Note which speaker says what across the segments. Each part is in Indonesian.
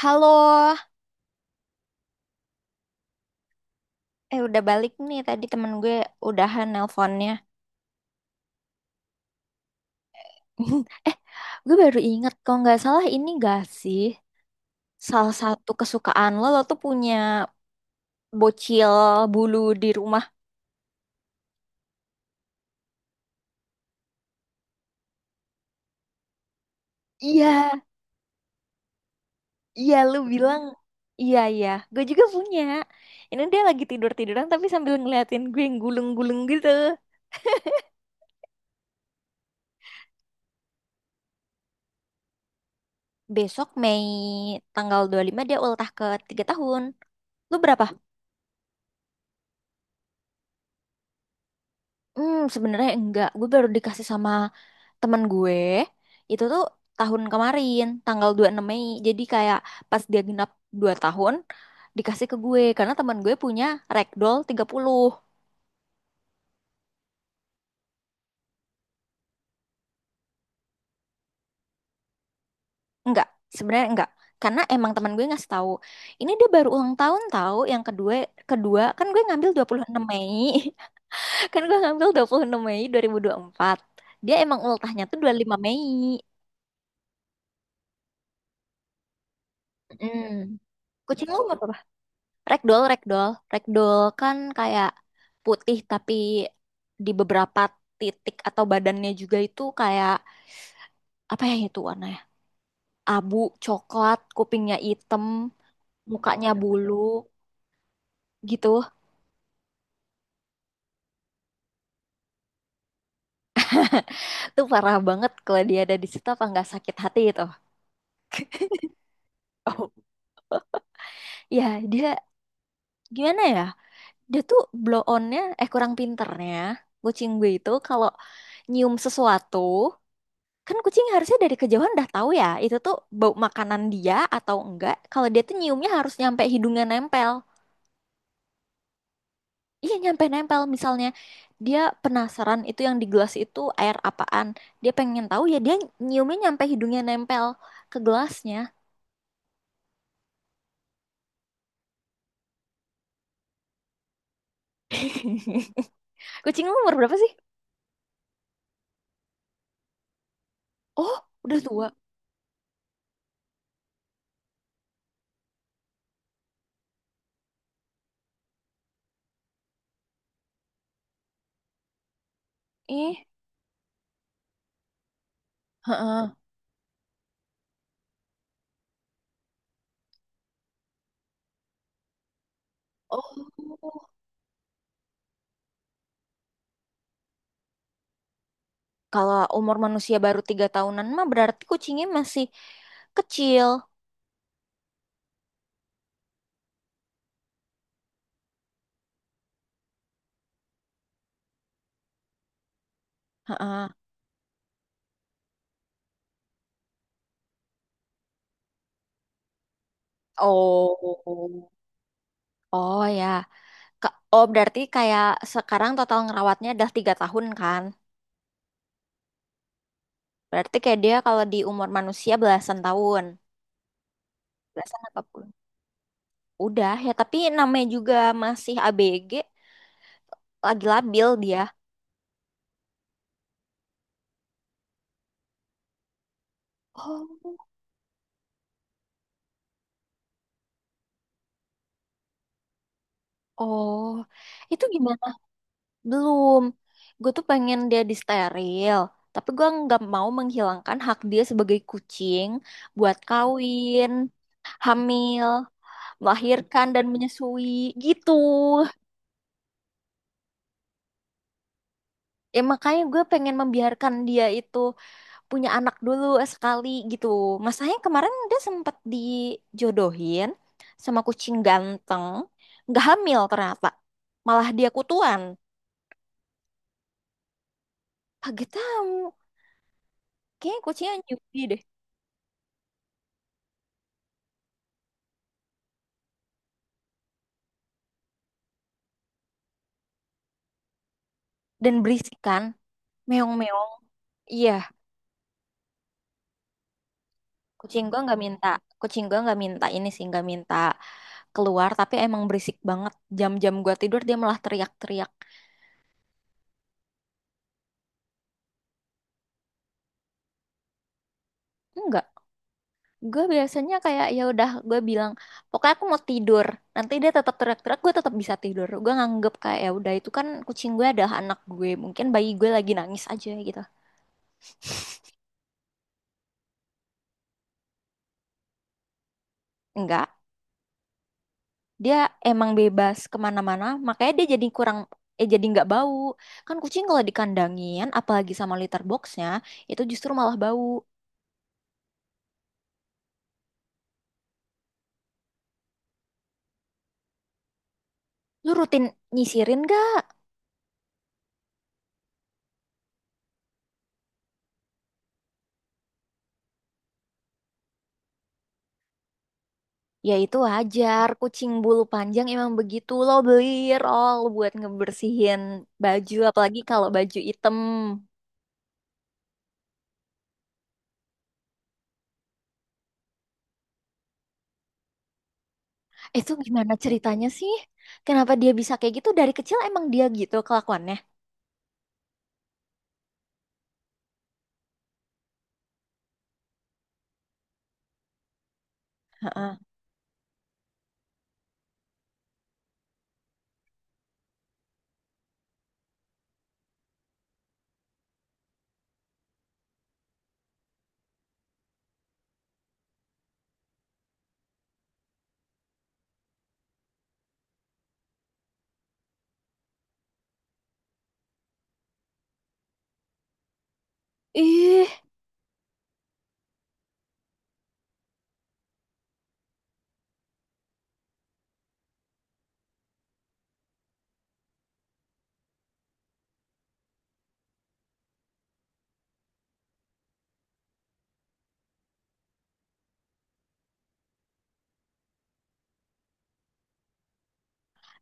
Speaker 1: Halo, eh udah balik nih tadi temen gue udahan nelponnya. Eh, gue baru inget kalau nggak salah ini gak sih salah satu kesukaan lo, lo tuh punya bocil bulu di rumah. Iya, iya lu bilang. Iya, iya, gue juga punya. Ini dia lagi tidur-tiduran tapi sambil ngeliatin gue yang gulung-gulung gitu. Besok Mei tanggal 25 dia ultah ke 3 tahun. Lu berapa. Hmm, sebenarnya enggak. Gue baru dikasih sama temen gue. Itu tuh tahun kemarin, tanggal 26 Mei. Jadi kayak pas dia genap 2 tahun, dikasih ke gue. Karena temen gue punya ragdoll 30. Enggak, sebenarnya enggak. Karena emang temen gue ngasih tahu. Ini dia baru ulang tahun tahu yang kedua kedua kan gue ngambil 26 Mei. Kan gue ngambil 26 Mei dua ribu empat. Dia emang ultahnya tuh 25 Mei. Mm. Kucing lo umur berapa? Ragdoll, ragdoll, ragdoll kan kayak putih tapi di beberapa titik atau badannya juga itu kayak apa ya itu warnanya? Abu, coklat, kupingnya hitam, mukanya, iya, bulu gitu. Itu parah banget kalau dia ada di situ apa nggak sakit hati itu. Oh, ya, dia gimana ya? Dia tuh blow onnya, eh, kurang pinternya kucing gue itu kalau nyium sesuatu. Kan kucing harusnya dari kejauhan udah tahu ya, itu tuh bau makanan dia atau enggak. Kalau dia tuh nyiumnya harus nyampe hidungnya nempel. Iya, nyampe nempel. Misalnya dia penasaran itu yang di gelas itu air apaan. Dia pengen tahu ya, dia nyiumnya nyampe hidungnya nempel ke gelasnya. Kucing lu umur berapa sih? Oh, udah tua. Ih, heeh. Oh, kalau umur manusia baru tiga tahunan mah berarti kucingnya masih kecil. Heeh. Oh, oh ya. Ka- Oh, berarti kayak sekarang total ngerawatnya udah tiga tahun kan? Berarti kayak dia kalau di umur manusia belasan tahun. Belasan apa pun. Udah ya, tapi namanya juga masih ABG, lagi labil dia. Oh, oh. Itu gimana? Belum. Gue tuh pengen dia disteril. Tapi gue nggak mau menghilangkan hak dia sebagai kucing buat kawin, hamil, melahirkan, dan menyusui. Gitu. Ya makanya gue pengen membiarkan dia itu punya anak dulu sekali gitu. Masalahnya kemarin dia sempat dijodohin sama kucing ganteng. Nggak hamil ternyata. Malah dia kutuan. Kaget tahu. Kayaknya kucingnya nyubi deh. Dan berisik kan. Meong-meong. Iya. Kucing gue nggak minta. Kucing gue nggak minta ini sih. Nggak minta keluar. Tapi emang berisik banget. Jam-jam gue tidur dia malah teriak-teriak. Enggak, gue biasanya kayak ya udah, gue bilang pokoknya aku mau tidur, nanti dia tetap teriak-teriak, gue tetap bisa tidur. Gue nganggep kayak ya udah, itu kan kucing gue adalah anak gue, mungkin bayi gue lagi nangis aja gitu. Enggak, dia emang bebas kemana-mana makanya dia jadi kurang, eh, jadi nggak bau. Kan kucing kalau dikandangin apalagi sama litter boxnya itu justru malah bau. Lu rutin nyisirin gak? Ya itu wajar, kucing bulu panjang emang begitu. Lo beli roll buat ngebersihin baju, apalagi kalau baju item. Itu gimana ceritanya sih? Kenapa dia bisa kayak gitu? Dari kecil emang dia gitu kelakuannya? Heeh. Ih,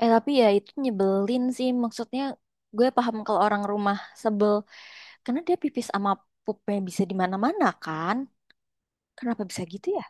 Speaker 1: eh tapi ya itu nyebelin sih. Maksudnya gue paham kalau orang rumah sebel, karena dia pipis sama pupnya bisa di mana-mana kan? Kenapa bisa gitu ya?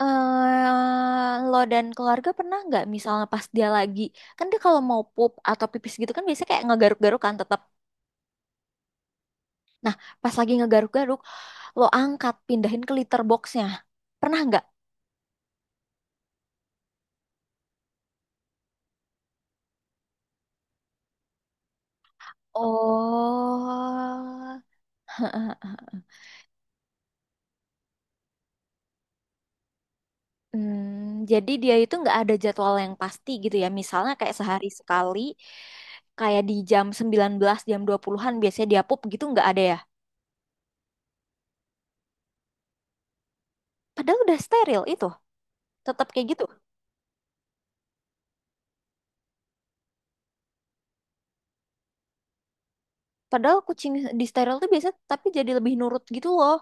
Speaker 1: Eh, lo dan keluarga pernah nggak misalnya pas dia lagi, kan dia kalau mau pup atau pipis gitu kan biasanya kayak ngegaruk-garuk kan tetap. Nah, pas lagi ngegaruk-garuk, lo angkat pindahin ke litter boxnya. Pernah nggak? Oh. Hmm, jadi dia itu nggak ada jadwal yang pasti gitu ya. Misalnya kayak sehari sekali, kayak di jam 19, jam 20-an biasanya dia pup gitu, nggak ada ya. Padahal udah steril itu, tetap kayak gitu. Padahal kucing di steril tuh biasa, tapi jadi lebih nurut gitu loh.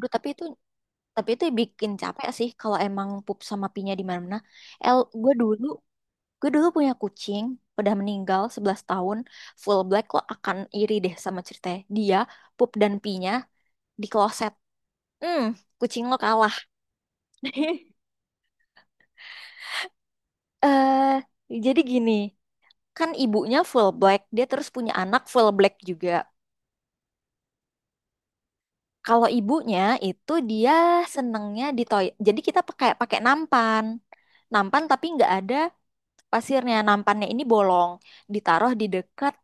Speaker 1: Duh, tapi itu bikin capek sih kalau emang pup sama pinya di mana-mana. El, gue dulu punya kucing, udah meninggal 11 tahun, full black. Lo akan iri deh sama ceritanya. Dia pup dan pinya di kloset. Hmm, kucing lo kalah. Eh, jadi gini, kan ibunya full black, dia terus punya anak full black juga. Kalau ibunya itu dia senengnya di toy. Jadi kita pakai pakai nampan. Nampan tapi nggak ada pasirnya. Nampannya ini bolong, ditaruh di dekat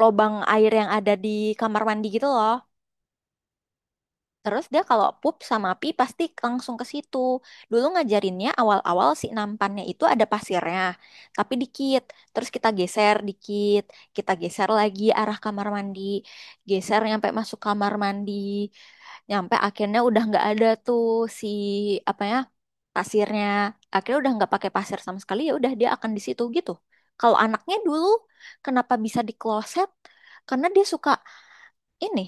Speaker 1: lubang air yang ada di kamar mandi gitu loh. Terus dia kalau pup sama pi pasti langsung ke situ. Dulu ngajarinnya awal-awal si nampannya itu ada pasirnya, tapi dikit. Terus kita geser dikit, kita geser lagi arah kamar mandi, geser nyampe masuk kamar mandi, nyampe akhirnya udah nggak ada tuh si apa ya pasirnya. Akhirnya udah nggak pakai pasir sama sekali, ya udah dia akan di situ gitu. Kalau anaknya dulu kenapa bisa di kloset? Karena dia suka ini,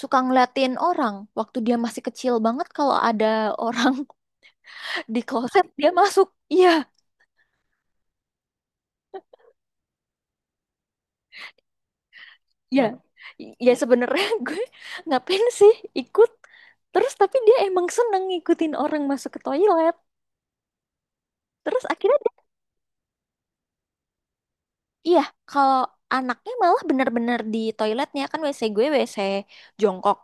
Speaker 1: suka ngeliatin orang waktu dia masih kecil banget. Kalau ada orang di kloset dia masuk. Iya, iya, ya sebenarnya gue ngapain sih ikut terus, tapi dia emang seneng ngikutin orang masuk ke toilet, terus akhirnya dia-. Iya, kalau anaknya malah benar-benar di toiletnya. Kan WC gue WC jongkok,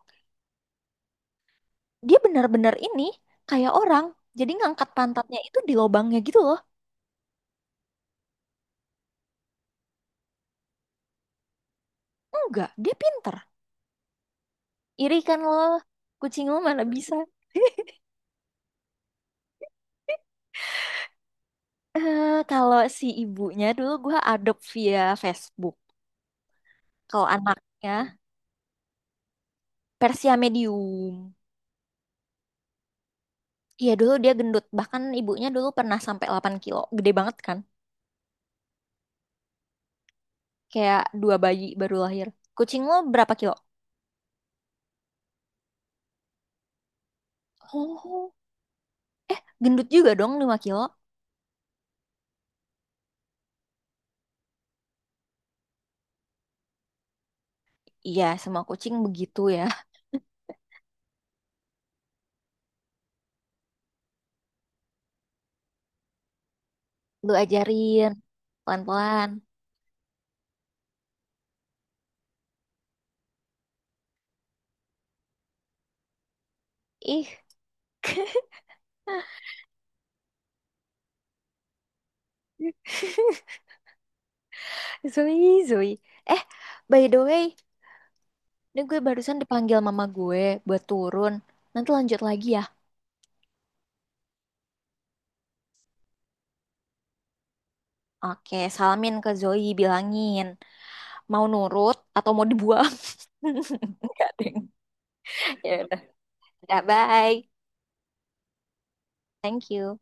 Speaker 1: dia benar-benar ini, kayak orang, jadi ngangkat pantatnya itu di lubangnya gitu loh. Enggak, dia pinter. Iri kan lo, kucing lo mana bisa. Eh, kalau si ibunya dulu gue adopt via Facebook. Kalau anaknya Persia medium. Iya dulu dia gendut. Bahkan ibunya dulu pernah sampai 8 kilo. Gede banget kan? Kayak dua bayi baru lahir. Kucing lo berapa kilo? Oh, gendut juga dong 5 kilo. Iya, semua kucing begitu ya. Lu ajarin pelan-pelan. Ih. Zoe, Zoe. Eh, by the way, ini gue barusan dipanggil mama gue buat turun. Nanti lanjut lagi ya. Oke, salamin ke Zoe, bilangin mau nurut atau mau dibuang. Enggak, deng. Ya udah, dah, bye. Thank you.